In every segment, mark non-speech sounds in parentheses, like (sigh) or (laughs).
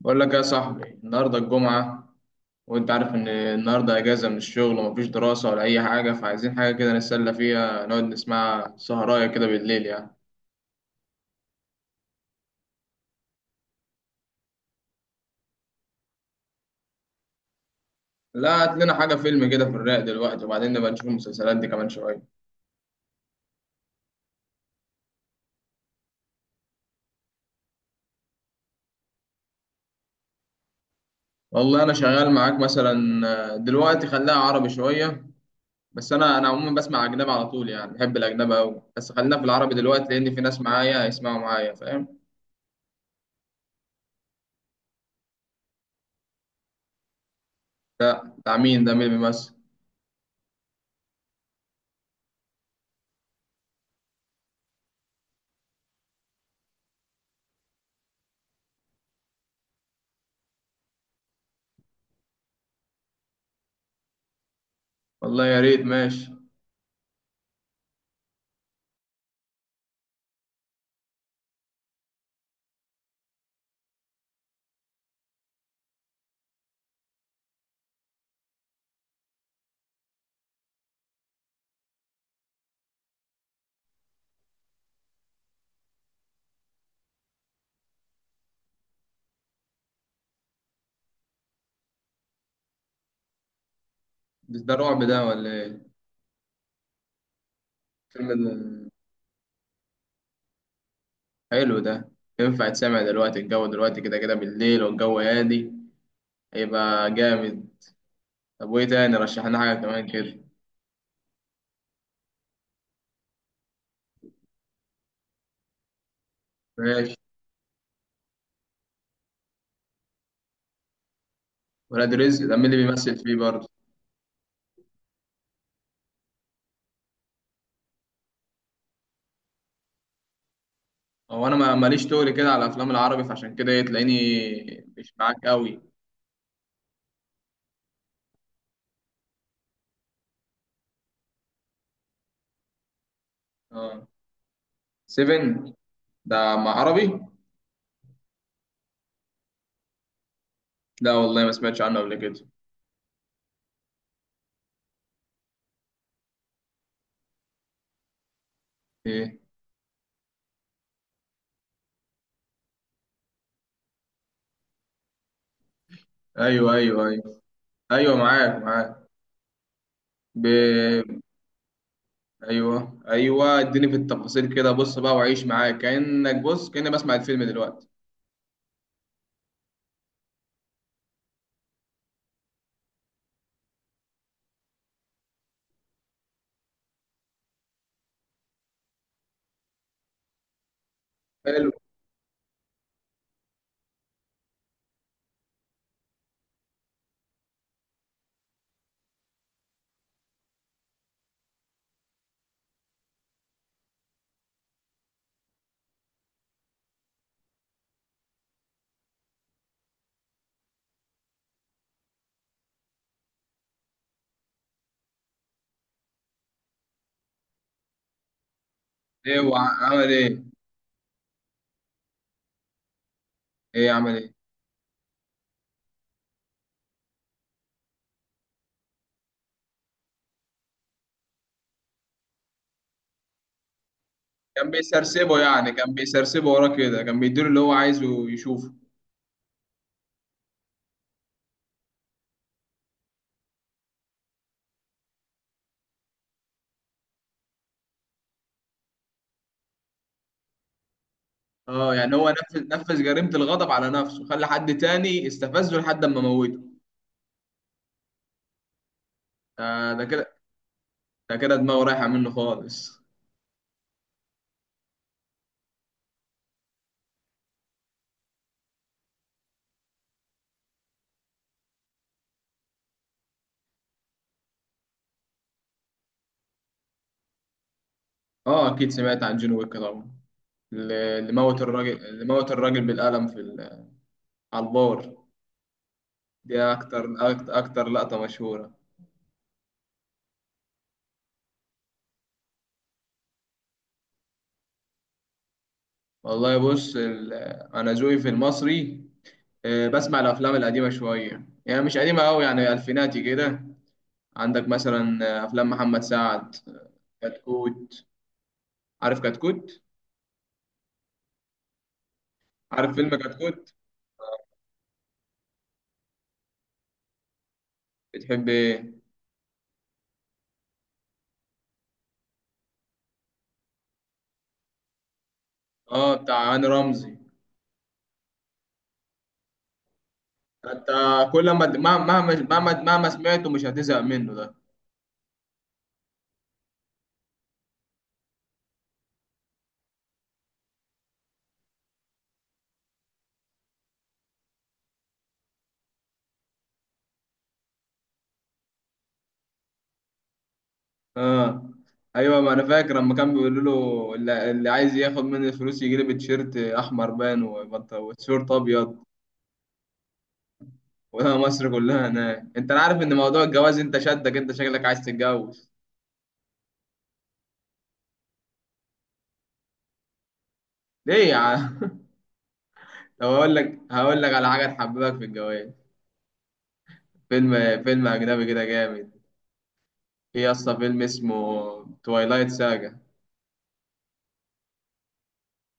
بقول لك يا صاحبي النهارده الجمعة، وانت عارف ان النهارده اجازة من الشغل ومفيش دراسة ولا اي حاجة، فعايزين حاجة كده نتسلى فيها، نقعد نسمعها سهراية كده بالليل يعني. لا، هات لنا حاجة فيلم كده في الرايق دلوقتي، وبعدين نبقى نشوف المسلسلات دي كمان شوية. والله انا شغال معاك مثلا. دلوقتي خليها عربي شوية. بس انا عموما بسمع اجنبي على طول يعني، بحب الاجنبي قوي، بس خلينا في العربي دلوقتي لان في ناس معايا هيسمعوا معايا، فاهم. ده بتاع مين؟ ده مين اللي بيمثل؟ والله يا ريت، ماشي. بس ده رعب ده ولا ايه؟ فيلم حلو ده. ينفع تسمع دلوقتي؟ الجو دلوقتي كده كده بالليل، والجو هادي، هيبقى جامد. طب وايه تاني؟ رشح لنا حاجه كمان كده. ماشي. ولاد رزق ده مين اللي بيمثل فيه برضه؟ هو انا ماليش تقل كده على الافلام العربي، فعشان كده إيه، تلاقيني مش معاك قوي. اه. سيفن. ده مع عربي؟ لا والله، ما سمعتش عنه قبل كده. ايه؟ ايوه ايوه ايوه. ايوه معاك معاك. ب... ايوه ايوه، اديني في التفاصيل كده، بص بقى وعيش معاك، كانك بص، كاني بسمع الفيلم دلوقتي. حلو. ايه هو عمل ايه؟ ايه عمل ايه؟ كان بيسرسبه يعني، كان بيسرسبه وراه كده، كان بيديله اللي هو عايزه يشوفه. اه يعني هو نفذ جريمة الغضب على نفسه، خلى حد تاني استفزه لحد ما موته. ده ده كده ده كده دماغه رايحة منه خالص. اه اكيد سمعت عن جون ويك طبعا. اللي موت الراجل، اللي موت الراجل بالقلم في على البار. دي اكتر اكتر، أكتر لقطة مشهورة. والله بص انا ذوقي في المصري. بسمع الافلام القديمه شويه، يعني مش قديمه قوي، يعني الفيناتي كده. عندك مثلا، افلام محمد سعد، كتكوت. عارف كتكوت؟ عارف فيلم كتكوت؟ بتحب ايه؟ اه بتاع هاني رمزي. انت كل ما، مهما سمعته مش هتزهق منه ده. اه ايوه، ما انا فاكر لما كان بيقولوا له اللي، اللي عايز ياخد مني الفلوس يجي لي بتيشيرت احمر، وتيشيرت ابيض. ولا مصر كلها هناك. انت عارف ان موضوع الجواز، انت شدك انت، شكلك عايز تتجوز؟ ليه يا عم؟ (laughs) طب هقول لك على حاجه تحببك في الجواز. فيلم، فيلم اجنبي كده جامد. في يا اسطى فيلم اسمه توايلايت ساجا.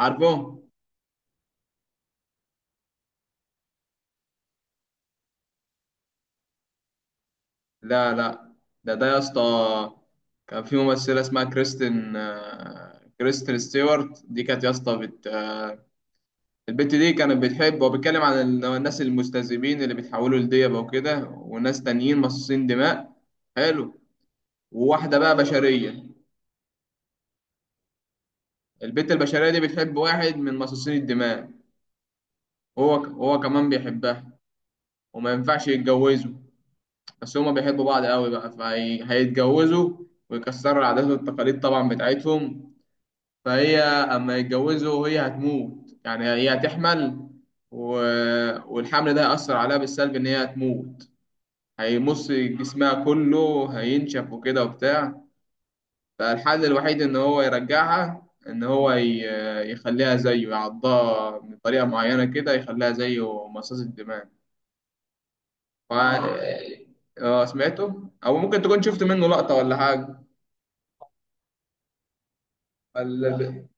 عارفه؟ لا لا، ده يا اسطى، كان في ممثله اسمها كريستين، كريستين ستيوارت. دي كانت يا اسطى بت... آه، البت دي كانت بتحب، وبيتكلم عن الناس المستذئبين اللي بيتحولوا لديبه وكده، وناس تانيين مصاصين دماء. حلو. وواحده بقى بشريه. البت البشريه دي بتحب واحد من مصاصين الدماء. هو كمان بيحبها، وما ينفعش يتجوزوا. بس هما بيحبوا بعض قوي بقى، فهيتجوزوا، ويكسروا العادات والتقاليد طبعا بتاعتهم. فهي اما يتجوزوا هي هتموت يعني، هي هتحمل، و... والحمل ده هيأثر عليها بالسلب، ان هي هتموت، هيمص جسمها كله، هينشف وكده وبتاع. فالحل الوحيد ان هو يرجعها، ان يخليها زيه، يعضها بطريقة معينة كده يخليها زيه، مصاص الدماء. وعن- اه سمعته، او ممكن تكون شفت منه لقطة ولا حاجة. ولا ب...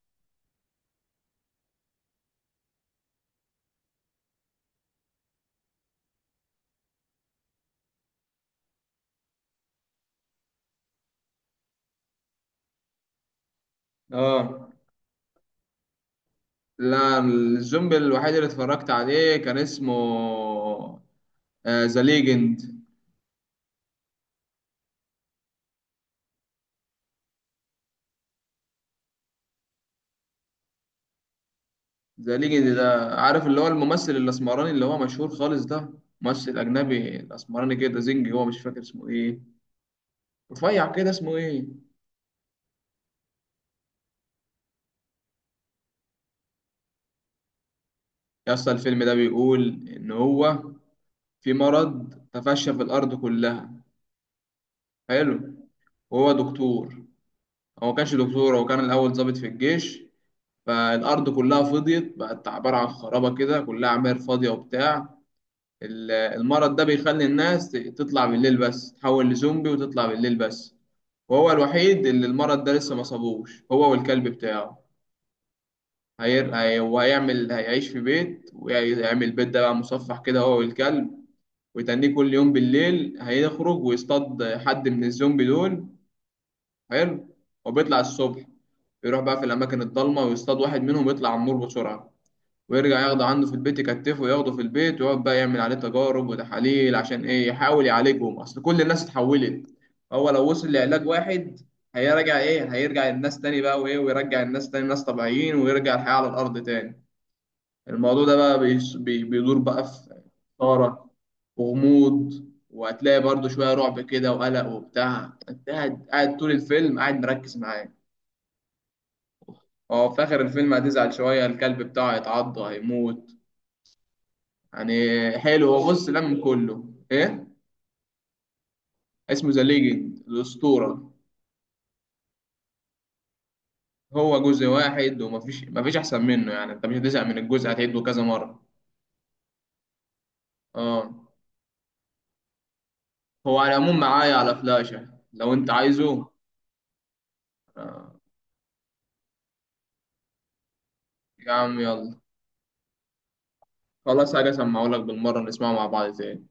اه لا، الزومبي الوحيد اللي اتفرجت عليه كان اسمه، ذا ليجند. ذا ليجند ده، عارف اللي هو الممثل الاسمراني اللي هو مشهور خالص ده، ممثل اجنبي، الاسمراني كده، زنجي هو، مش فاكر اسمه ايه، رفيع كده، اسمه ايه؟ يا اسطى الفيلم ده بيقول ان هو في مرض تفشى في الارض كلها. حلو. وهو دكتور. هو ما كانش دكتور، هو كان الأول ضابط في الجيش. فالأرض كلها فضيت، بقت عبارة عن خرابة كده، كلها عماير فاضية وبتاع. المرض ده بيخلي الناس تطلع بالليل بس، تحول لزومبي وتطلع بالليل بس. وهو الوحيد اللي المرض ده لسه ما صابوش، هو والكلب بتاعه. وهيعمل، هيعيش في بيت، ويعمل بيت ده بقى مصفح كده، هو والكلب. ويتنيه كل يوم بالليل هيخرج ويصطاد حد من الزومبي دول. حلو. وبيطلع الصبح يروح بقى في الأماكن الضلمة ويصطاد واحد منهم، يطلع عمور بسرعة، ويرجع ياخده عنده في البيت، يكتفه وياخده في البيت، ويقعد بقى يعمل عليه تجارب وتحاليل، عشان إيه، يحاول يعالجهم، أصل كل الناس اتحولت. هو لو وصل لعلاج واحد، هيرجع إيه، هيرجع الناس تاني بقى، وإيه، ويرجع الناس تاني ناس طبيعيين، ويرجع الحياة على الأرض تاني. الموضوع ده بقى بيدور بقى في إثارة وغموض، وهتلاقي برضه شوية رعب كده وقلق وبتاع، انت قاعد، قاعد طول الفيلم قاعد مركز معاه. هو في آخر الفيلم هتزعل شوية، الكلب بتاعه هيتعض هيموت يعني. حلو هو. بص لم كله ايه، اسمه ذا ليجند، الأسطورة. هو جزء واحد، ومفيش أحسن منه يعني، انت مش هتزهق من الجزء، هتعيده كذا مرة. اه. هو على العموم معايا على فلاشة لو انت عايزه. آه. يا عم يلا. خلاص، حاجة أسمعهولك بالمرة، نسمعه مع بعض تاني.